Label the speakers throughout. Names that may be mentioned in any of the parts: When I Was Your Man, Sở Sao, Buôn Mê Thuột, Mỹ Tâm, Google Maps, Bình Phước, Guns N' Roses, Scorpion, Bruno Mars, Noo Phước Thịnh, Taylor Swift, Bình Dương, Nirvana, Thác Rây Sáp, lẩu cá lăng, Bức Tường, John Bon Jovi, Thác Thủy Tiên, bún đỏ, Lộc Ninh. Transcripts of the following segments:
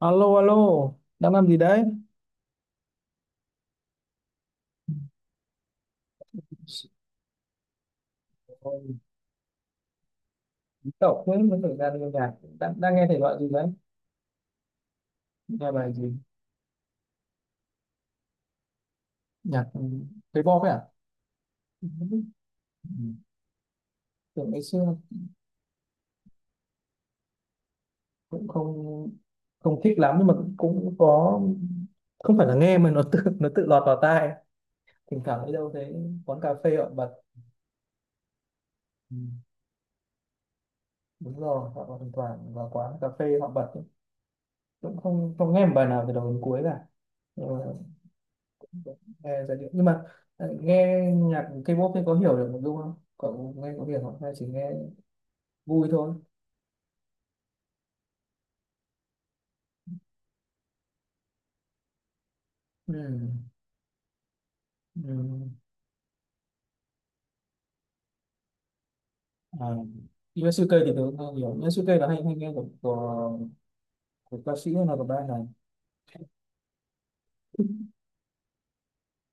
Speaker 1: Alo alo, đang làm gì đấy? Ôi, Bí Tẩu mới mới thời gian nghe nhạc, đang nghe thể loại gì đấy? Nghe bài gì? Nhạc, K-pop ấy à? Ừ, tưởng ngày xưa cũng không không thích lắm nhưng mà cũng có, không phải là nghe mà nó tự lọt vào tai, thỉnh thoảng đi đâu thấy quán cà phê họ bật. Ừ, đúng rồi, họ còn thỉnh thoảng vào quán cà phê họ bật ấy. Cũng không không nghe một bài nào từ đầu đến cuối cả. Ừ, nghe giai điệu nhưng mà nghe nhạc K-pop thì có hiểu được một chút không, cậu nghe có hiểu không hay chỉ nghe vui thôi? Ừ. Ừ. À. Yosuke thì tớ cũng không hiểu Yosuke là hay hay nghe của ca sĩ hay là của band này.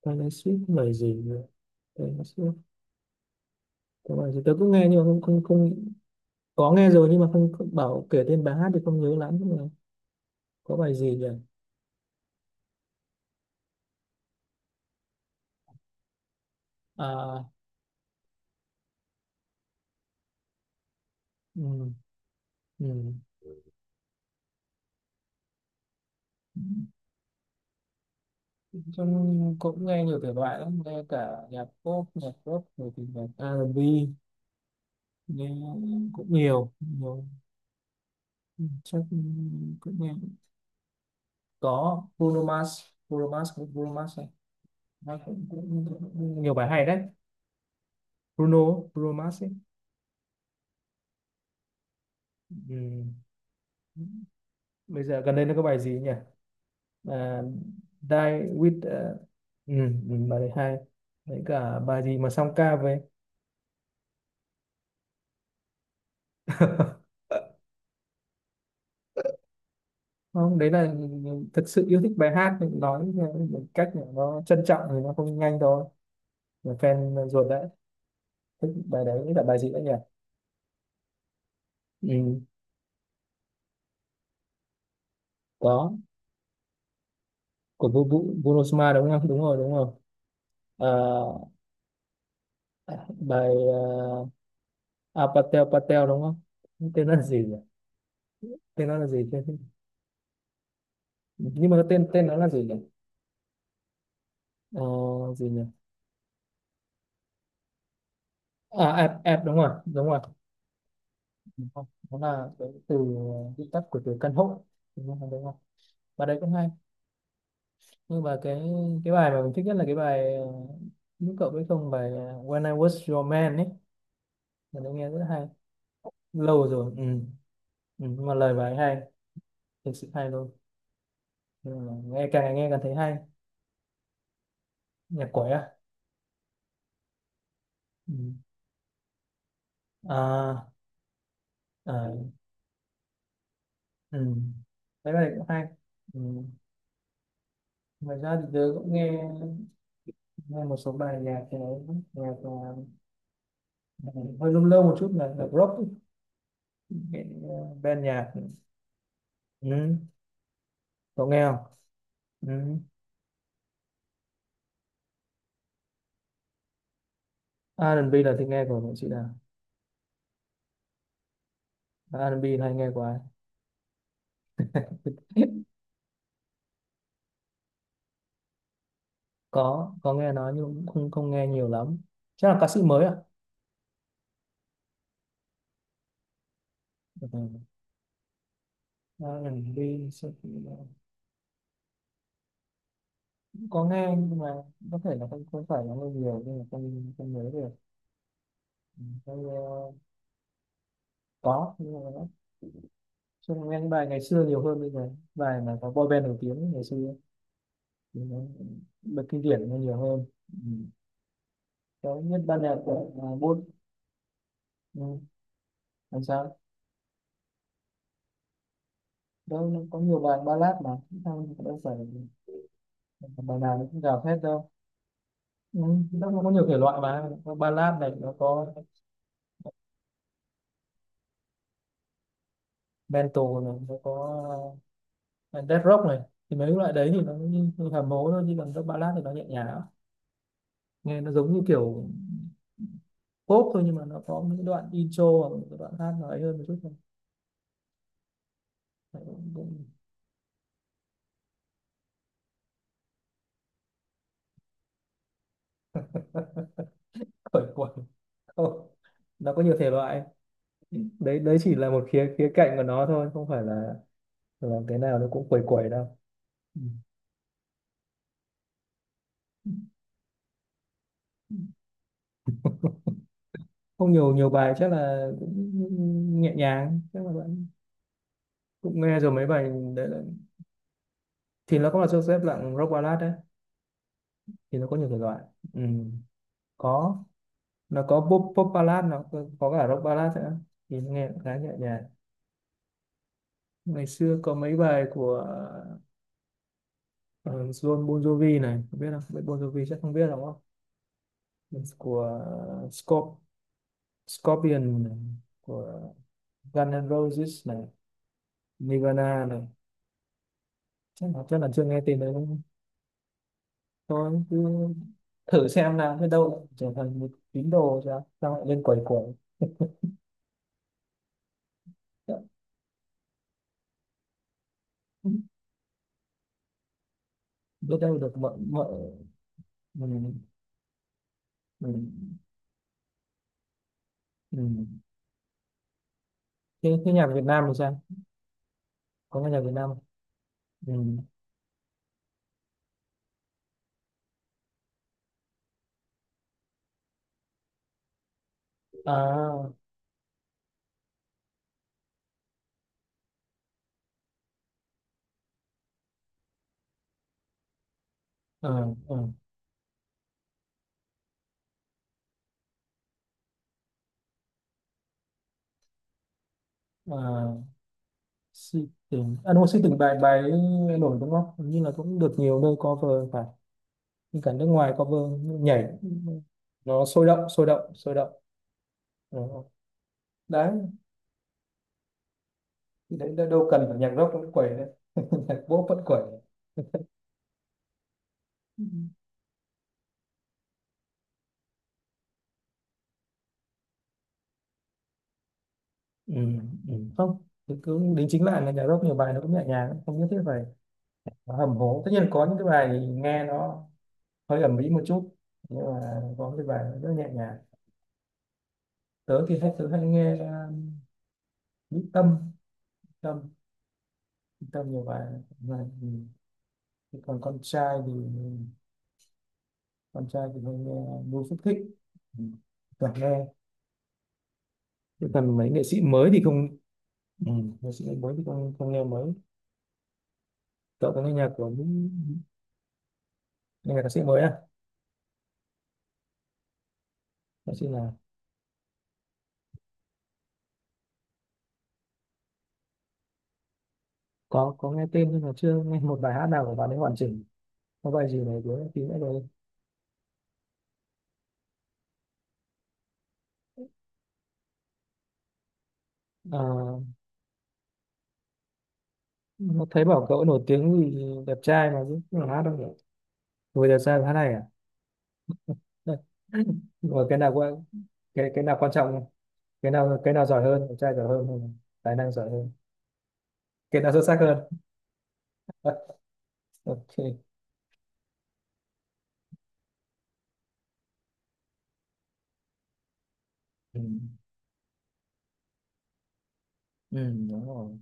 Speaker 1: Taylor Swift lời gì nữa? Taylor Swift có bài gì tớ cũng nghe nhưng mà không không không. Có nghe rồi nhưng mà không không bảo kể tên bài hát thì không nhớ lắm, nhưng mà có bài gì nhỉ? À, ừ, ừ. Trong cũng nghe nhiều thể loại lắm, nghe cả nhạc pop, nhạc rock, rồi thì nhạc R&B, nghe cũng nhiều, nhiều. Ừ, chắc cũng nghe. Có Bruno Mars, Bruno Mars, cũng Bruno Mars này. Nó cũng nhiều bài hay đấy. Bruno, Bruno Mars ấy. Ừ. Bây giờ gần đây nó có bài gì nhỉ? À, Die with, ừ, ừ, bài đấy hay. Đấy cả bài gì mà song ca với. Không, đấy là thực sự yêu thích bài hát thì nói một cách là nó trân trọng thì nó không nhanh thôi, là fan ruột đấy. Thích bài đấy là bài gì đấy nhỉ? Ừ, có của Bruno Mars đúng không? Đúng rồi, đúng rồi. Ờ, bài à, Patel Patel đúng không? Tên nó là gì nhỉ? Tên nó là gì chứ? Nhưng mà cái tên tên nó là gì nhỉ? Ờ, gì nhỉ? À, app app, đúng rồi, đúng rồi. Đúng không? Nó là cái từ viết tắt của từ căn hộ, đúng không, đúng không. Và đấy cũng hay, nhưng mà cái bài mà mình thích nhất là cái bài, lúc cậu biết không, bài When I Was Your Man ấy, mình đã nghe rất hay. Lâu rồi, ừ. Ừ, nhưng mà lời bài hay, thực sự hay luôn. Nhưng mà nghe càng ngày nghe càng thấy hay. Nhạc quẩy à? Ừ. À, à. Ừ, đấy bài này cũng hay. Ừ, ngoài ra thì tớ cũng nghe nghe một số bài nhạc thì nhạc, hơi lâu lâu một chút là rock ấy. Cái, band nhạc. Ừ. Cậu nghe không? Ừ. R&B là thích nghe của nghệ sĩ nào, R&B hay nghe quá. Có nghe nói nhưng cũng không không nghe nhiều lắm, chắc là ca sĩ mới à. Ừ. R&B sẽ- cũng có nghe nhưng mà có thể là không không phải là nghe nhiều nên là không không nhớ được. Ừ, không, ờ, có nhưng mà nó, chứ nghe những bài ngày xưa nhiều hơn bây giờ, bài mà có boy band nổi tiếng ngày xưa thì nó bật kinh điển nó nhiều hơn. Ừ, có nhất ban nhạc của, à, Bôn. Ừ, làm sao? Đâu, nó có nhiều bài ballad mà, không đâu phải bài nào nó cũng gào thét đâu. Ừ, nó cũng có nhiều thể loại mà, có ballad này nó có, metal này nó có, ờ, death rock này, thì mấy loại đấy thì nó như, như hầm hố thôi chứ còn các ballad thì nó nhẹ nhàng lắm. Nghe nó giống như kiểu pop thôi, nhưng mà nó có những đoạn intro hoặc những cái đoạn hát nó ấy hơn một chút thôi. Đấy, cũng cũng. Khởi quẩn. Không, nó có nhiều thể loại, đấy đấy chỉ là một khía khía cạnh của nó thôi, không phải là cái nào nó cũng quẩy quẩy đâu. Ừ. Không, nhiều nhiều bài chắc là cũng nhẹ nhàng, chắc là cũng nghe rồi mấy bài. Đấy là... thì nó cũng là xếp dạng rock ballad đấy, thì nó có nhiều thể loại. Ừ, có. Nó có pop, pop ballad nó có cả rock ballad nữa, thì nó nghe cũng khá nhẹ nhàng. Ngày xưa có mấy bài của, ờ, John Bon Jovi này, không biết Bon Jovi chắc không biết đúng không? Của Scorp, Scorpion này, của Guns N' Roses này, Nirvana này, chắc là chưa nghe tên đấy đúng không? Thôi cứ thử xem nào, biết đâu lại trở thành một tín đồ, sao sao lại lên quẩy quẩy. Biết đâu được, mọi mọi. Mình mình mình thế thế nhạc Việt Nam thì sao, có nghe nhạc Việt Nam không? Ừ. À, ờ, ờ, à, si tình à, đúng rồi, si tình, bài bài ấy nổi đúng không? Hình như là cũng được nhiều nơi cover phải, nhưng cả nước ngoài cover nhảy, nó sôi động sôi động sôi động. Ờ, đấy thì đấy đâu đâu cần phải nhạc rock vẫn quẩy đấy. Nhạc pop vẫn quẩy. Ừ. Ừ. Không, cứ đính chính lại là nhạc rock nhiều bài nó cũng nhẹ nhàng, không nhất thiết phải nó hầm hố. Tất nhiên có những cái bài nghe nó hơi ầm ĩ một chút, nhưng mà có cái bài nó rất nhẹ nhàng. Tớ hay nghe Mỹ Tâm, Tâm, Mỹ Tâm nhiều bài mà. Ừ. Thế còn con trai thì, con trai thì hay nghe Noo Phước Thịnh. Ừ, toàn nghe. Thế còn mấy nghệ sĩ mới thì không? Ừ, nghệ sĩ mới thì không không nghe mới. Cậu có nghe nhạc của những, nghe nhạc ca sĩ mới à? Ca sĩ là, có nghe tên nhưng mà chưa nghe một bài hát nào của bạn ấy hoàn chỉnh. Có bài gì này của tí nữa rồi. À, mà thấy bảo cậu nổi tiếng vì đẹp trai mà chứ không phải hát đâu nhỉ, vừa đẹp trai vừa hát này à? Rồi cái nào quan, cái nào quan trọng nhỉ? Cái nào giỏi hơn, đẹp trai giỏi hơn hay là tài năng giỏi hơn, cái nào xuất sắc hơn? OK. Ừ. Ừ đúng rồi.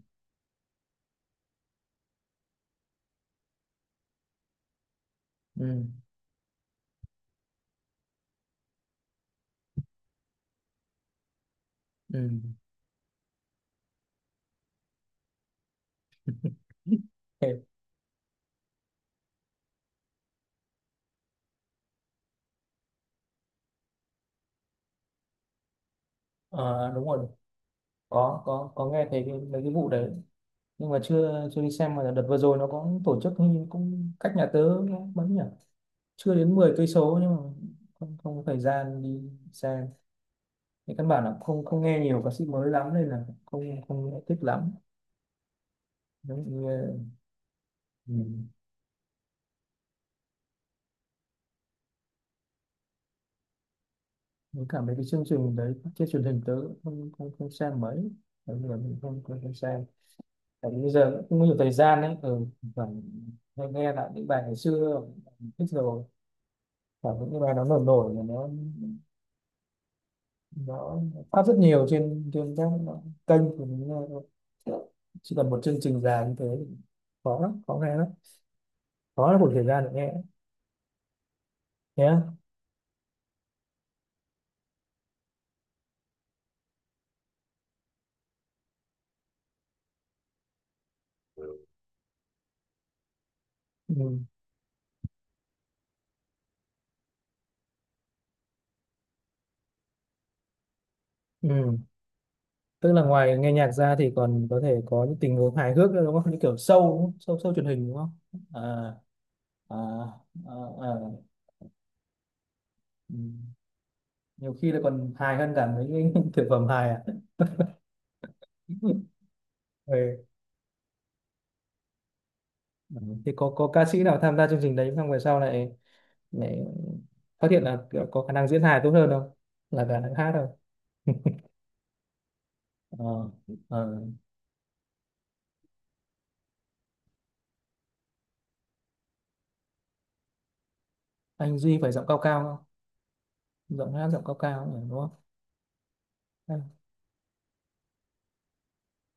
Speaker 1: Ừ. Ừ. Thế, ờ, đúng rồi, có nghe thấy cái, mấy cái vụ đấy nhưng mà chưa chưa đi xem. Mà đợt vừa rồi nó có tổ chức hình như cũng cách nhà tớ, nó mấy nhỉ, chưa đến 10 km nhưng mà không không có thời gian đi xem. Thì căn bản là không không nghe nhiều ca sĩ mới lắm nên là không không thích lắm, giống như. Ừ, mình cảm thấy cái chương trình đấy trên truyền hình tớ cũng không không, không xem mấy, bởi vì là mình không không, không xem, tại vì bây giờ cũng không có nhiều thời gian ấy. Ừ, phải hay nghe lại những bài ngày xưa thích rồi, và những cái bài nó nổi nổi là nó phát rất nhiều trên trên các kênh của mình nghe thôi. Chỉ cần một chương trình dài như thế thì khó lắm, khó nghe lắm, khó là một thời gian để nghe nhé. Ừ. Ừ, tức là ngoài nghe nhạc ra thì còn có thể có những tình huống hài hước nữa đúng không, như kiểu show đúng không? Show show truyền hình đúng không? À, à, à, à. Ừ, nhiều khi là còn hài hơn cả mấy cái thực phẩm hài à. Ừ. Ừ, thì có ca sĩ nào tham gia chương trình đấy xong về sau lại lại phát hiện là kiểu có khả năng diễn hài tốt hơn không, là khả năng hát không? Ờ, ờ. Anh Duy phải giọng cao cao không, giọng hát giọng cao cao ừ, đúng không? anh,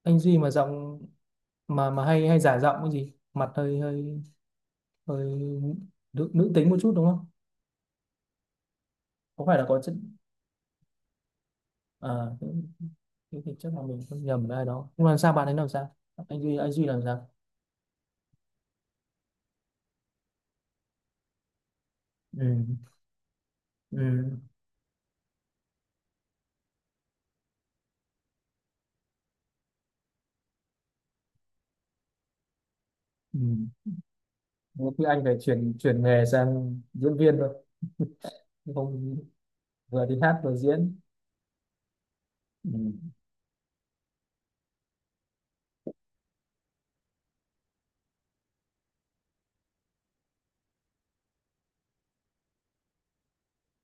Speaker 1: anh Duy mà giọng, mà hay hay giả giọng cái gì, mặt hơi hơi hơi nữ, nữ tính một chút đúng không, có phải là có chất, à, nữ-? Thế thì chắc là mình không nhầm với ai đó, nhưng mà sao bạn ấy làm sao, anh Duy làm sao? Ừ. Ừ. Ừ. Thế thì anh phải chuyển chuyển nghề sang diễn viên thôi, không, vừa đi hát vừa diễn. Ừ.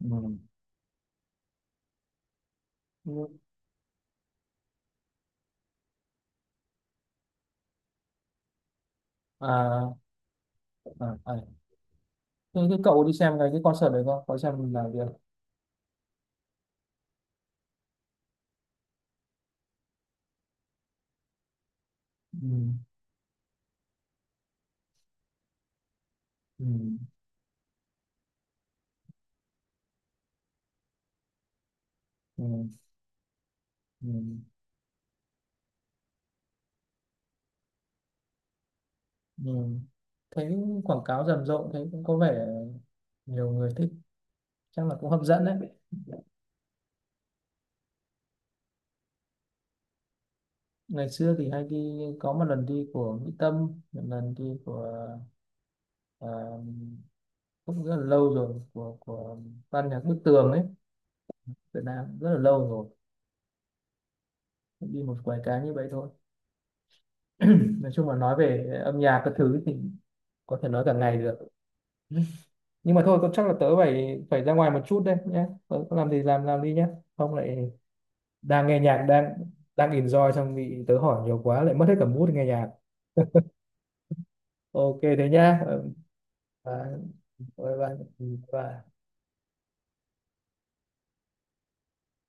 Speaker 1: Ừ. Ừ. À, à, à. Thế cái cậu đi xem cái concert đấy không, có xem là việc. Ừ. Ừ. Ừ. Ừ. Ừ. Thấy quảng cáo rầm rộ, thấy cũng có vẻ nhiều người thích, chắc là cũng hấp dẫn đấy. Ngày xưa thì hay đi, có một lần đi của Mỹ Tâm, một lần đi của, ờ, cũng rất là lâu rồi, của ban nhạc Bức Tường ấy, Việt Nam rất là lâu rồi. Đi một vài cái như vậy thôi. Nói chung là nói về âm nhạc các thứ thì có thể nói cả ngày được. Nhưng mà thôi, tôi chắc là tớ phải phải ra ngoài một chút đây nhé, tớ có làm gì làm đi nhé, không lại đang nghe nhạc, đang đang enjoy xong bị tớ hỏi nhiều quá lại mất hết cả mood nghe nhạc. OK thế nhá. Đấy, bye bye. Bye.